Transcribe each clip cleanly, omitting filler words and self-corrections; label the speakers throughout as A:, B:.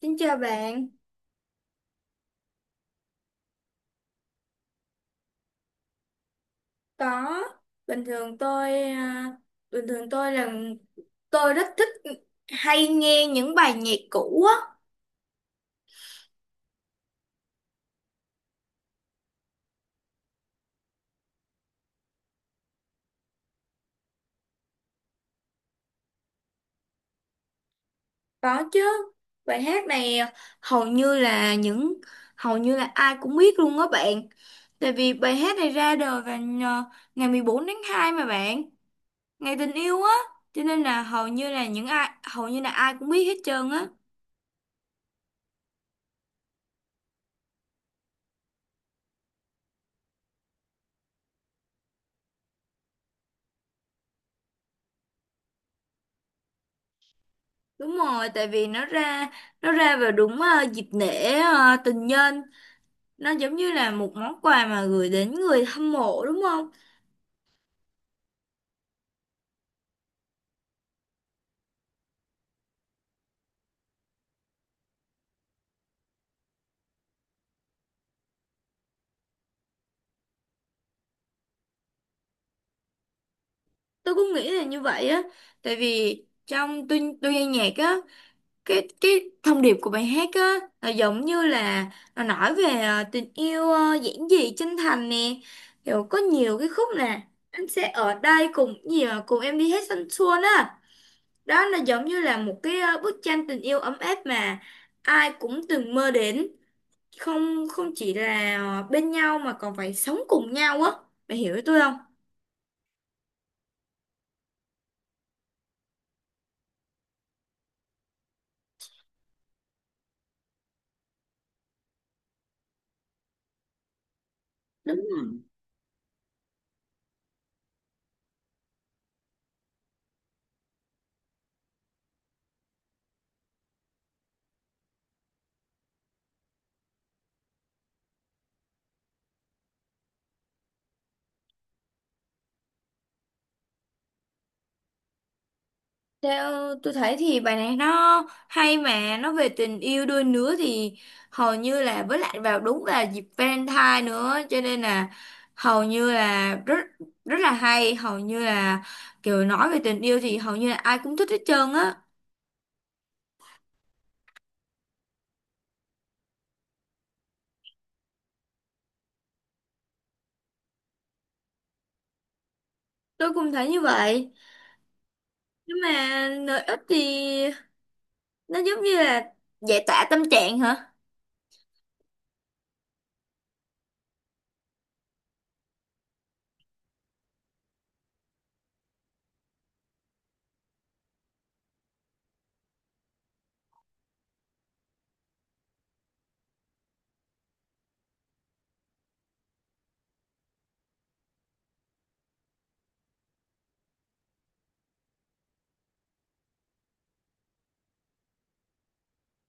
A: Xin chào bạn, có bình thường tôi à, bình thường tôi là tôi rất thích hay nghe những bài nhạc cũ á, có chứ. Bài hát này hầu như là những hầu như là ai cũng biết luôn á bạn. Tại vì bài hát này ra đời vào ngày 14 tháng 2 mà bạn, ngày tình yêu á, cho nên là hầu như là ai cũng biết hết trơn á. Đúng rồi, tại vì nó ra vào dịp lễ tình nhân, nó giống như là một món quà mà gửi đến người hâm mộ đúng không? Tôi cũng nghĩ là như vậy á, tại vì trong tôi nghe nhạc á, cái thông điệp của bài hát á là giống như là nó nói về tình yêu giản dị chân thành nè, kiểu có nhiều cái khúc nè, anh sẽ ở đây cùng gì mà cùng em đi hết thanh xuân á, đó là giống như là một cái bức tranh tình yêu ấm áp mà ai cũng từng mơ đến, không không chỉ là bên nhau mà còn phải sống cùng nhau á, mày hiểu ý tôi không? Đúng. Theo tôi thấy thì bài này nó hay mà nó về tình yêu đôi lứa thì hầu như là, với lại vào đúng là dịp Valentine nữa, cho nên là hầu như là rất rất là hay, hầu như là kiểu nói về tình yêu thì hầu như là ai cũng thích hết trơn á. Tôi cũng thấy như vậy, nhưng mà lợi ích thì nó giống như là giải tỏa tâm trạng hả?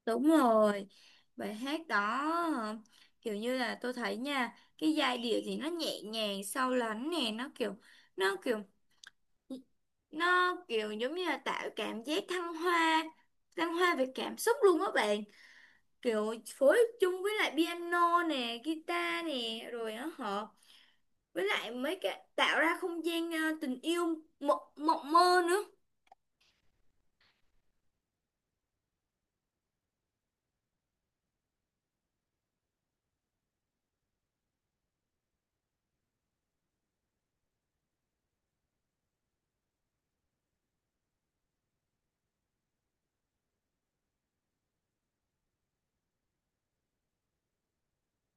A: Đúng rồi, bài hát đó ờ, kiểu như là tôi thấy nha, cái giai điệu thì nó nhẹ nhàng sâu lắng nè, nó kiểu nó kiểu giống như là tạo cảm giác thăng hoa về cảm xúc luôn á bạn, kiểu phối chung với lại piano nè guitar nè rồi nó hợp với lại mấy cái tạo ra không gian tình yêu mộng mộng mơ nữa.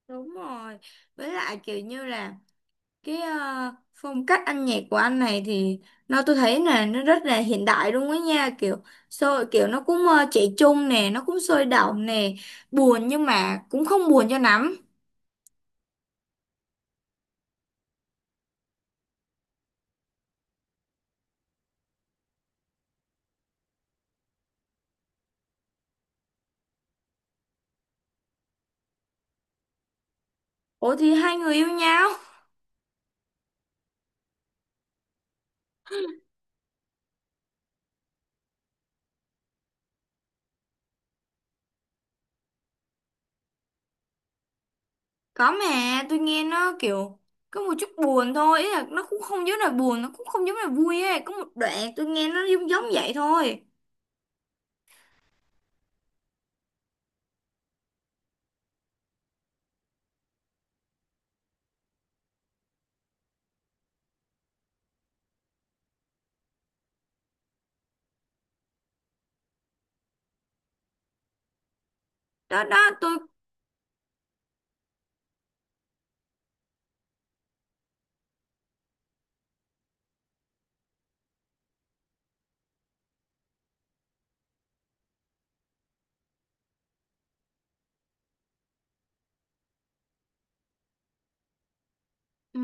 A: Đúng rồi. Với lại kiểu như là cái phong cách âm nhạc của anh này thì tôi thấy là nó rất là hiện đại luôn á nha, kiểu sôi kiểu nó cũng trẻ trung nè, nó cũng sôi động nè, buồn nhưng mà cũng không buồn cho lắm. Ủa thì hai người yêu nhau. Có mà tôi nghe nó kiểu có một chút buồn thôi, ý là nó cũng không giống là buồn, nó cũng không giống là vui ấy, có một đoạn tôi nghe nó giống giống vậy thôi. Đó đó tôi ừ,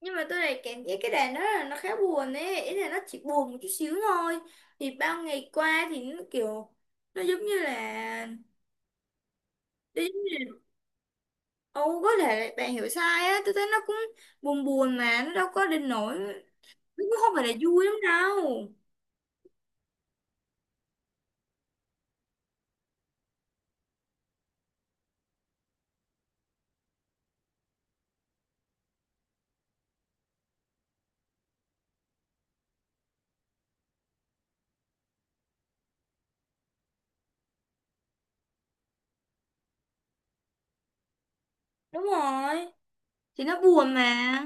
A: nhưng mà tôi lại cảm giác cái đàn đó là nó khá buồn ấy, ý là nó chỉ buồn một chút xíu thôi, thì bao ngày qua thì nó kiểu, nó giống như là đi. Ồ, có thể là bạn hiểu sai á, tôi thấy nó cũng buồn buồn mà nó đâu có đến nỗi, nó cũng không phải là vui lắm đâu. Đúng rồi thì nó buồn mà.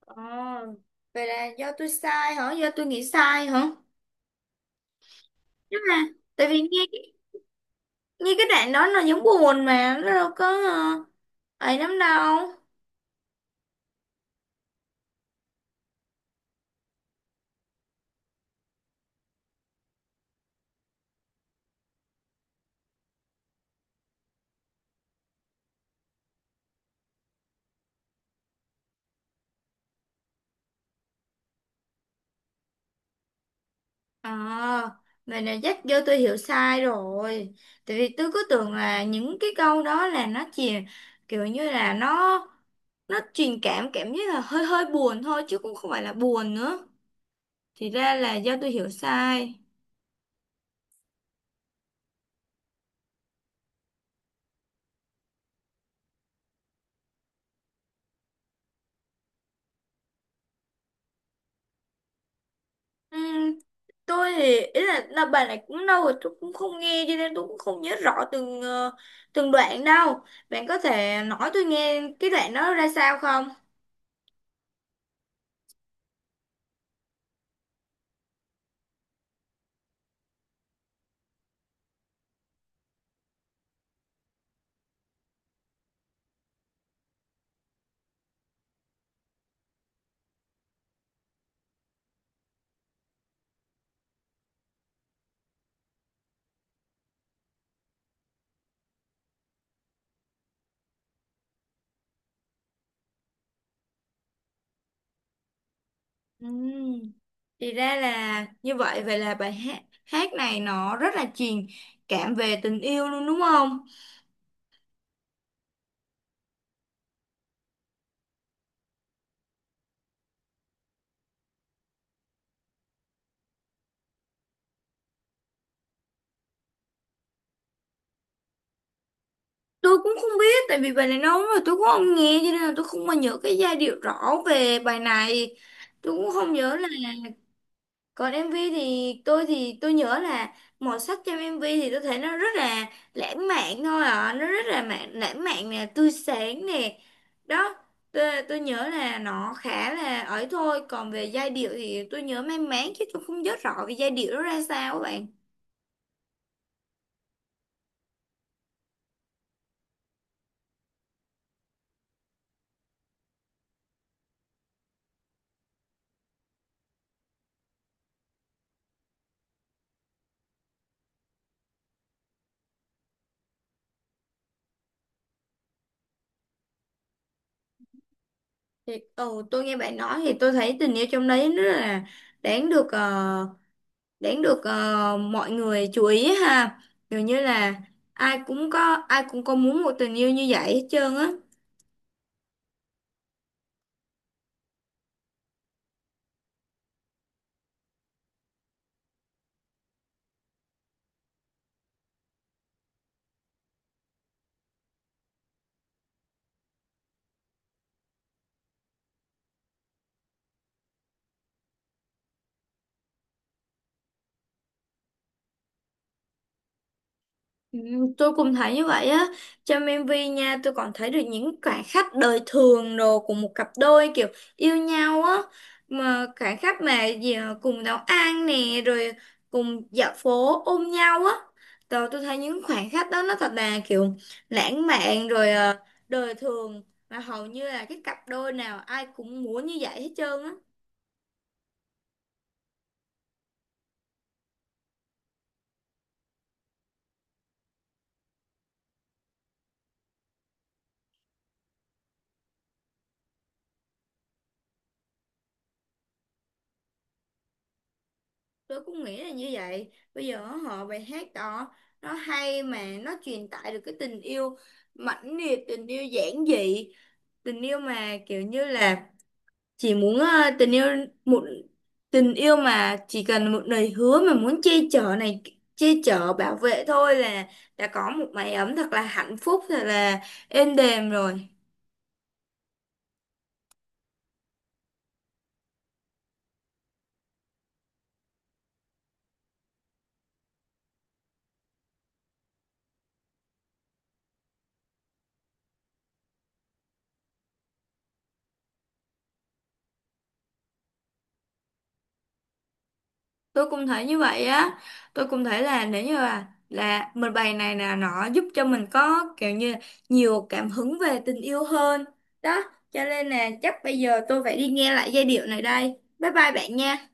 A: Ờ, vậy là do tôi sai hả, do tôi nghĩ sai hả? Nhưng mà tại vì nghe nghe cái đoạn đó nó giống buồn mà nó đâu có ấy lắm đâu. À, vậy này chắc do tôi hiểu sai rồi. Tại vì tôi cứ tưởng là những cái câu đó là nó chỉ kiểu như là nó truyền cảm cảm giác là hơi hơi buồn thôi chứ cũng không phải là buồn nữa. Thì ra là do tôi hiểu sai. Ừm, tôi thì ý là bài này cũng lâu rồi tôi cũng không nghe cho nên tôi cũng không nhớ rõ từng đoạn đâu. Bạn có thể nói tôi nghe cái đoạn đó ra sao không? Ừm, Thì ra là như vậy, vậy là bài hát hát này nó rất là truyền cảm về tình yêu luôn đúng không? Tôi cũng không biết, tại vì bài này lâu lắm rồi tôi cũng không nghe cho nên là tôi không mà nhớ cái giai điệu rõ về bài này. Tôi cũng không nhớ còn MV thì tôi nhớ là màu sắc trong MV thì tôi thấy nó rất là lãng mạn thôi ạ, nó rất là lãng mạn nè, tươi sáng nè, đó, tôi nhớ là nó khá là ấy thôi, còn về giai điệu thì tôi nhớ mang máng chứ tôi không nhớ rõ về giai điệu nó ra sao các bạn. Thì ừ, tôi nghe bạn nói thì tôi thấy tình yêu trong đấy rất là đáng được ờ, đáng được mọi người chú ý ha, dường như là ai cũng có muốn một tình yêu như vậy hết trơn á. Ừ, tôi cũng thấy như vậy á, trong MV nha tôi còn thấy được những khoảnh khắc đời thường đồ của một cặp đôi kiểu yêu nhau á, mà khoảnh khắc mà cùng nấu ăn nè, rồi cùng dạo phố ôm nhau á, rồi tôi thấy những khoảnh khắc đó nó thật là kiểu lãng mạn rồi đời thường mà hầu như là cái cặp đôi nào ai cũng muốn như vậy hết trơn á. Tôi cũng nghĩ là như vậy, bây giờ họ bài hát đó nó hay mà nó truyền tải được cái tình yêu mãnh liệt, tình yêu giản dị, tình yêu mà kiểu như là chỉ muốn tình yêu một tình yêu mà chỉ cần một lời hứa mà muốn che chở này, che chở bảo vệ thôi là đã có một mái ấm thật là hạnh phúc, thật là êm đềm rồi. Tôi cũng thấy như vậy á, tôi cũng thấy là nếu như là mình bài này là nó giúp cho mình có kiểu như nhiều cảm hứng về tình yêu hơn, đó cho nên là chắc bây giờ tôi phải đi nghe lại giai điệu này đây, bye bye bạn nha.